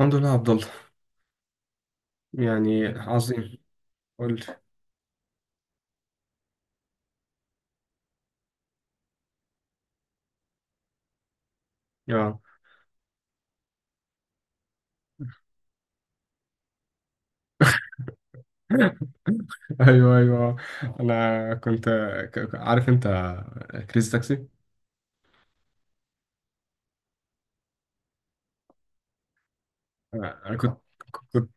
الحمد لله يا عبد الله. يعني عظيم. قول لي. اه. ايوه ايوه. انا كنت. عارف انت كريزي تاكسي. انا كنت كنت.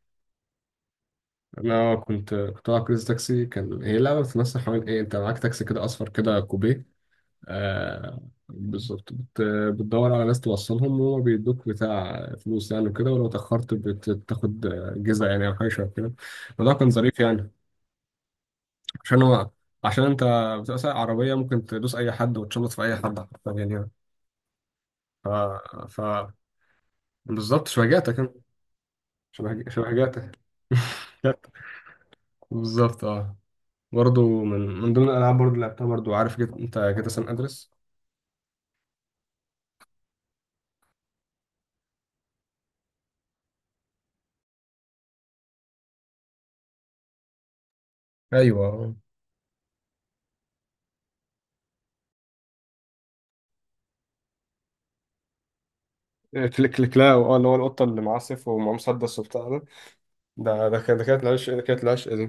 انا كنت كنت بلعب كريزي تاكسي. كان هي لعبه بتمثل حوالين ايه، انت معاك تاكسي كده اصفر كده كوبيه. آه، بالظبط. بتدور على ناس توصلهم وهما بيدوك بتاع فلوس يعني، وكده ولو اتاخرت بتاخد جزء يعني او حاجه شبه كده. الموضوع كان ظريف يعني. عشان هو، عشان انت بتبقى سايق عربيه، ممكن تدوس اي حد وتشمط في اي حد حرفيا يعني. ف ف بالظبط شبهجاتك انت، شبه شبهجاتك بالظبط اه. برضه من ضمن الالعاب برضه اللي لعبتها برضه، عارف انت جيت سان ادرس. ايوه كليك كليك. لا اه، اللي هو القطه اللي معصف ومعاه مسدس وبتاع ده. ده كانت، ده كانت العشق، ده كانت العشق دي.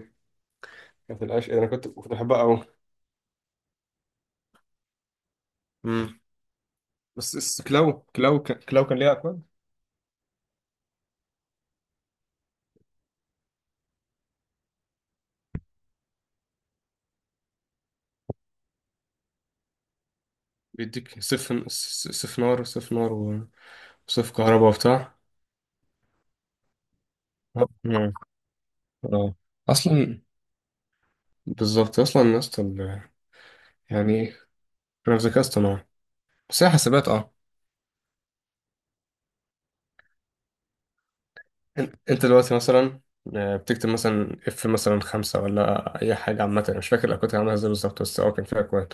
كانت العشق دي. انا كنت كنت بحبها قوي. امم. بس كلاو، كلاو كلاو كان ليها اكواد. بيديك سيف، سيف نار، سيف نار، صيف كهرباء وبتاع. آه. مم. اه اصلا، بالظبط اصلا يا اسطى. يعني ايه؟ انا في ذكاء اصطناعي بس هي حاسبات اه. انت دلوقتي مثلا، بتكتب مثلا اف مثلا خمسة، ولا اي حاجه عامه. أنا مش فاكر الاكواد كانت عامله ازاي بالظبط، بس هو كان فيها اكواد.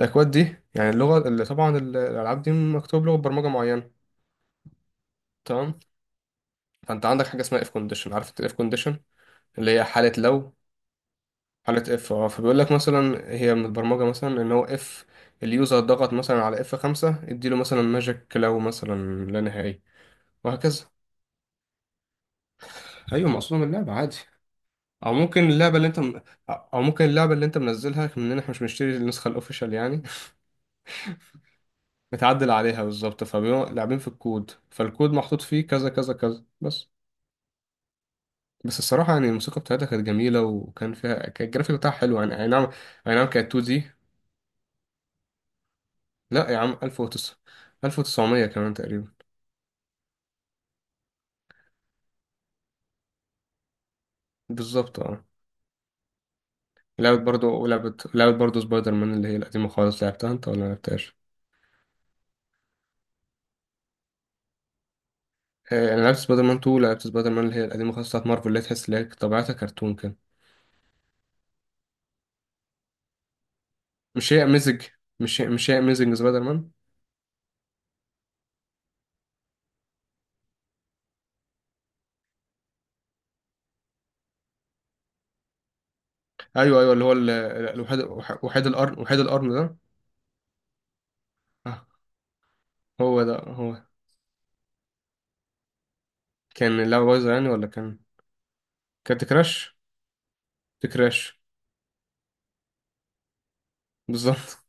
الاكواد دي يعني اللغه اللي طبعا الالعاب دي مكتوب لغه برمجه معينه. تمام. فانت عندك حاجه اسمها اف كونديشن، عارف الاف كونديشن اللي هي حاله لو، حالة اف اه. فبيقول لك مثلا، هي من البرمجة مثلا، ان هو اف اليوزر ضغط مثلا على اف خمسة، اديله مثلا ماجيك كلاو مثلا لا نهائي، وهكذا. ايوه مقصود من اللعبة عادي. او ممكن اللعبة اللي انت او ممكن اللعبة اللي انت منزلها، مننا احنا مش بنشتري النسخة الاوفيشال يعني. متعدل عليها بالظبط، فبيبقوا لاعبين في الكود، فالكود محطوط فيه كذا كذا كذا بس. بس الصراحة يعني الموسيقى بتاعتها كانت جميلة، وكان فيها كان الجرافيك بتاعها حلو يعني، اي نعم. اي نعم، كانت 2 دي. لا يا عم، 1009، 1900 كمان تقريبا. بالظبط اه. لعبت برضو، لعبت برضو سبايدر مان اللي هي القديمة خالص، لعبتها انت ولا لعبتهاش؟ آه، انا لعبت سبايدر مان 2، لعبت سبايدر مان اللي هي القديمة خالص بتاعت مارفل، اللي هي تحس اللي هي طبيعتها كرتون كده. مش هي اميزنج، مش هي اميزنج سبايدر مان. ايوه ايوه، اللي هو الوحيد، وحيد القرن، وحيد القرن ده. آه، هو ده هو. كان اللعبة بايظة يعني ولا كان؟ كانت كراش، تكراش. بالظبط.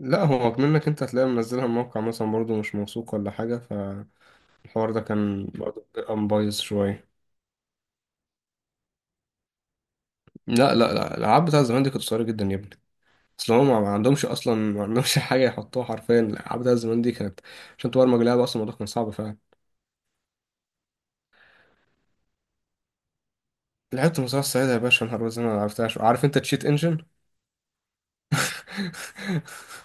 لا هو منك انت، هتلاقي منزلها من موقع مثلا برضو مش موثوق ولا حاجة، فالحوار ده كان برضو بيبقى بايظ شوية. لا لا لا، الألعاب بتاع زمان دي كانت قصيرة جدا يا ابني. أصل هم ما عندهمش، أصلا ما عندهمش حاجة يحطوها حرفيا. الألعاب بتاع زمان دي كانت، عشان تبرمج لعبة أصلا الموضوع كان صعب فعلا. لعبت المزرعة السعيدة يا باشا، نهار أبيض زي ما عرفتهاش. عارف أنت تشيت إنجن؟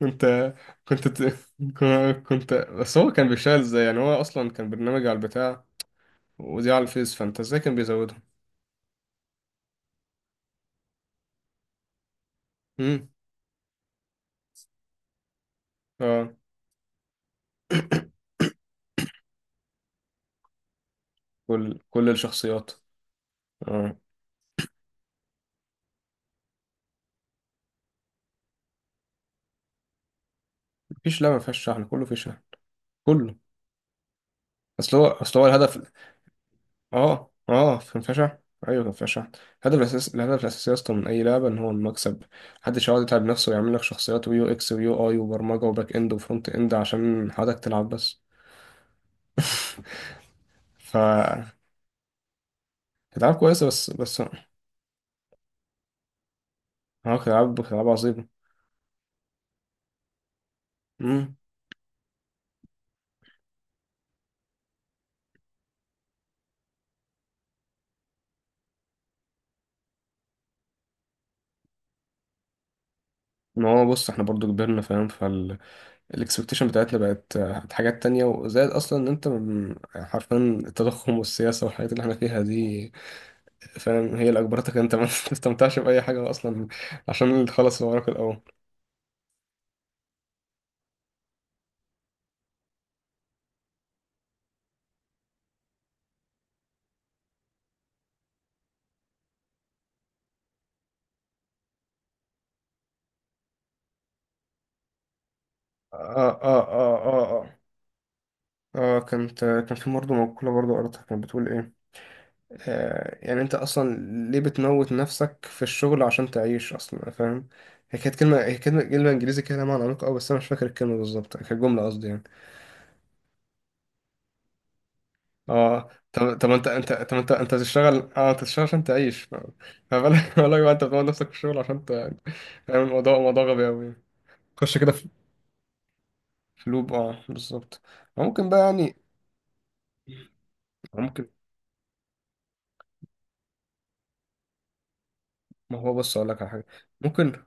كنت، كنت ت- كنت. بس هو كان بيشتغل إزاي يعني؟ هو أصلا كان برنامج على البتاع، ودي على الفيس، فأنت إزاي كان بيزودهم؟ امم. اه. كل الشخصيات. اه مفيش لعبة ما فيهاش شحن، كله فيه شحن، كله. أصل هو، أصل هو الهدف. اه اه، كان فيها شحن. ايوه كان فيها شحن. الهدف الاساسي، الهدف الاساسي اصلا من اي لعبه ان هو المكسب. محدش يقعد يتعب نفسه ويعمل لك شخصيات، ويو اكس ويو اي، وبرمجه وباك اند وفرونت اند، عشان حضرتك تلعب بس. ف كانت العاب كويسه، بس بس اه، كانت العاب، كانت العاب عظيمه. امم. ما هو بص، احنا برضو كبرنا فاهم، فالاكسبكتيشن بتاعتنا بقت حاجات تانية. وزائد اصلا ان انت يعني حرفيا التضخم والسياسه والحاجات اللي احنا فيها دي، فاهم؟ هي اللي اجبرتك انت ما تستمتعش باي حاجه اصلا، عشان اللي خلص وراك الاول. اه اه اه اه اه. اه كانت، كان في برضه مقولة برضه قريتها كانت بتقول ايه، آه يعني انت اصلا ليه بتموت نفسك في الشغل عشان تعيش اصلا، فاهم؟ هي كانت كلمة، هي كلمة، كلمة انجليزي كده لها معنى عميق قوي، بس انا مش فاكر الكلمة بالظبط. كانت جملة قصدي يعني. اه. طب طب انت، طب انت تشتغل، اه انت تشتغل عشان تعيش. ف-، فما بالك ما بالك بقى، انت بتموت نفسك في الشغل عشان ت-. فاهم الموضوع موضوع غبي قوي. خش كده في، في لوب، اه بالظبط. ممكن بقى يعني، ممكن، ما هو بص، اقول لك على حاجه. ممكن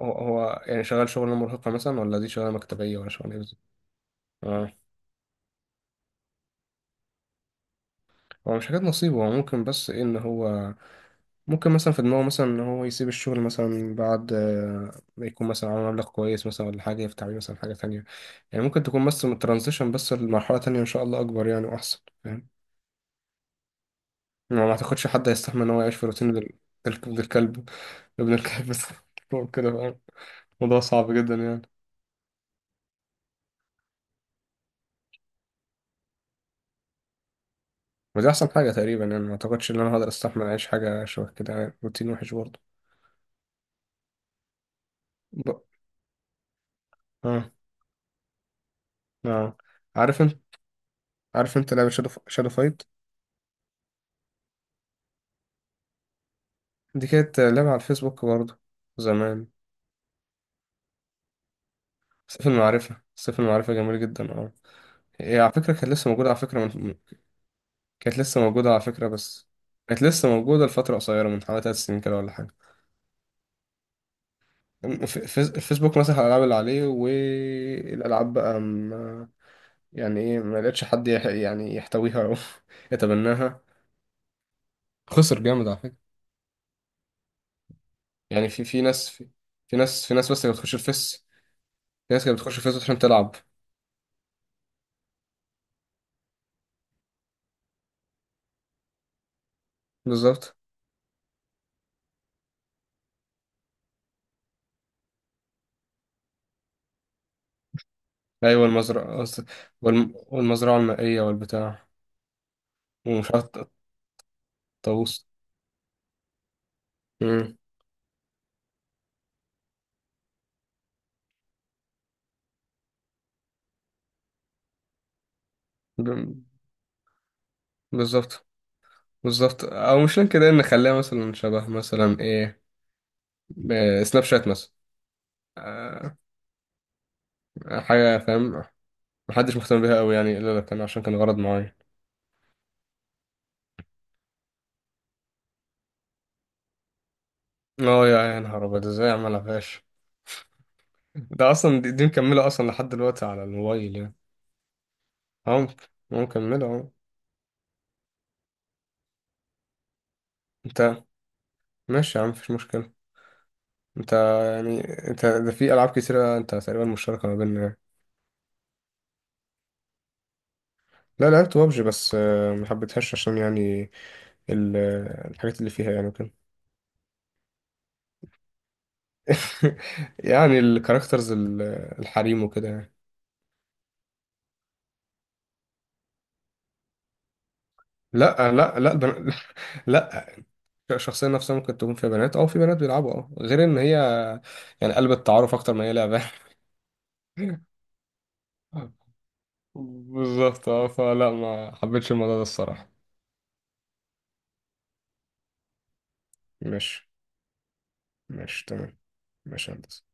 هو يعني شغال شغلانه مرهقه مثلا، ولا دي شغلانه مكتبيه، ولا شغلانه ايه بالظبط. اه. هو مش حاجات نصيبه، هو ممكن بس ايه، ان هو ممكن مثلا في دماغه مثلا، ان هو يسيب الشغل مثلا بعد ما يكون مثلا عامل مبلغ كويس مثلا ولا حاجه، يفتح بيه مثلا حاجه تانية. يعني ممكن تكون بس ترانزيشن، بس لمرحله تانية ان شاء الله اكبر يعني واحسن، فاهم؟ ما اعتقدش حد هيستحمل ان هو يعيش في روتين الكلب، ابن الكلب. كده فاهم؟ موضوع صعب جدا يعني. ودي احسن حاجه تقريبا يعني، ما اعتقدش ان انا هقدر استحمل اعيش حاجه شبه كده، يعني روتين وحش برضه. ب-. اه اه. عارف انت، عارف انت لعبه شادو فايت؟ دي كانت لعبه على الفيسبوك برضه زمان. سيف المعرفه، سيف المعرفه جميل جدا اه. هي على فكره كانت لسه موجوده على فكره كانت لسه موجوده على فكره بس، كانت لسه موجوده لفتره قصيره من حوالي ثلاث سنين كده ولا حاجه. الف- الفيسبوك مسح الالعاب اللي عليه، والالعاب بقى يعني ايه، ما لقيتش حد يعني يحتويها او يتبناها. خسر جامد على فكرة. يعني في ناس، في ناس بس كانت بتخش الفيس، في ناس كانت بتخش الفيس وتحلم تلعب. بالظبط. ايوه المزرعة والمزرعة المائية والبتاع ومش عارف، الطاووس. مم. ب- بالظبط، بالظبط. او مش كده ان نخليها مثلا شبه مثلا ايه، آه، سناب شات مثلا، آه، حاجة، فاهم؟ محدش مهتم بيها قوي يعني، الا لو كان عشان كان غرض معين. اه. يا يا نهار ابيض، ازاي اعملها فاش؟ ده اصلا دي مكمله اصلا لحد دلوقتي على الموبايل يعني. اهو اهو مكمله اهو. انت، ماشي يا عم مفيش مشكله. انت يعني، انت ده في العاب كتيره انت تقريبا مشتركه ما بيننا يعني. لا لعبت بابجي، بس ما حبيتهاش عشان يعني ال- الحاجات اللي فيها يعني وكده. يعني الكاركترز، الحريم وكده يعني. لا لا لا، البنات لا. الشخصيه نفسها ممكن تكون فيها بنات، او في بنات بيلعبوا اه. غير ان هي يعني قلب التعارف اكتر ما هي لعبه. بالظبط اه. فلا ما حبيتش الموضوع ده الصراحة. ماشي، ماشي تمام، ماشي يا هندسة.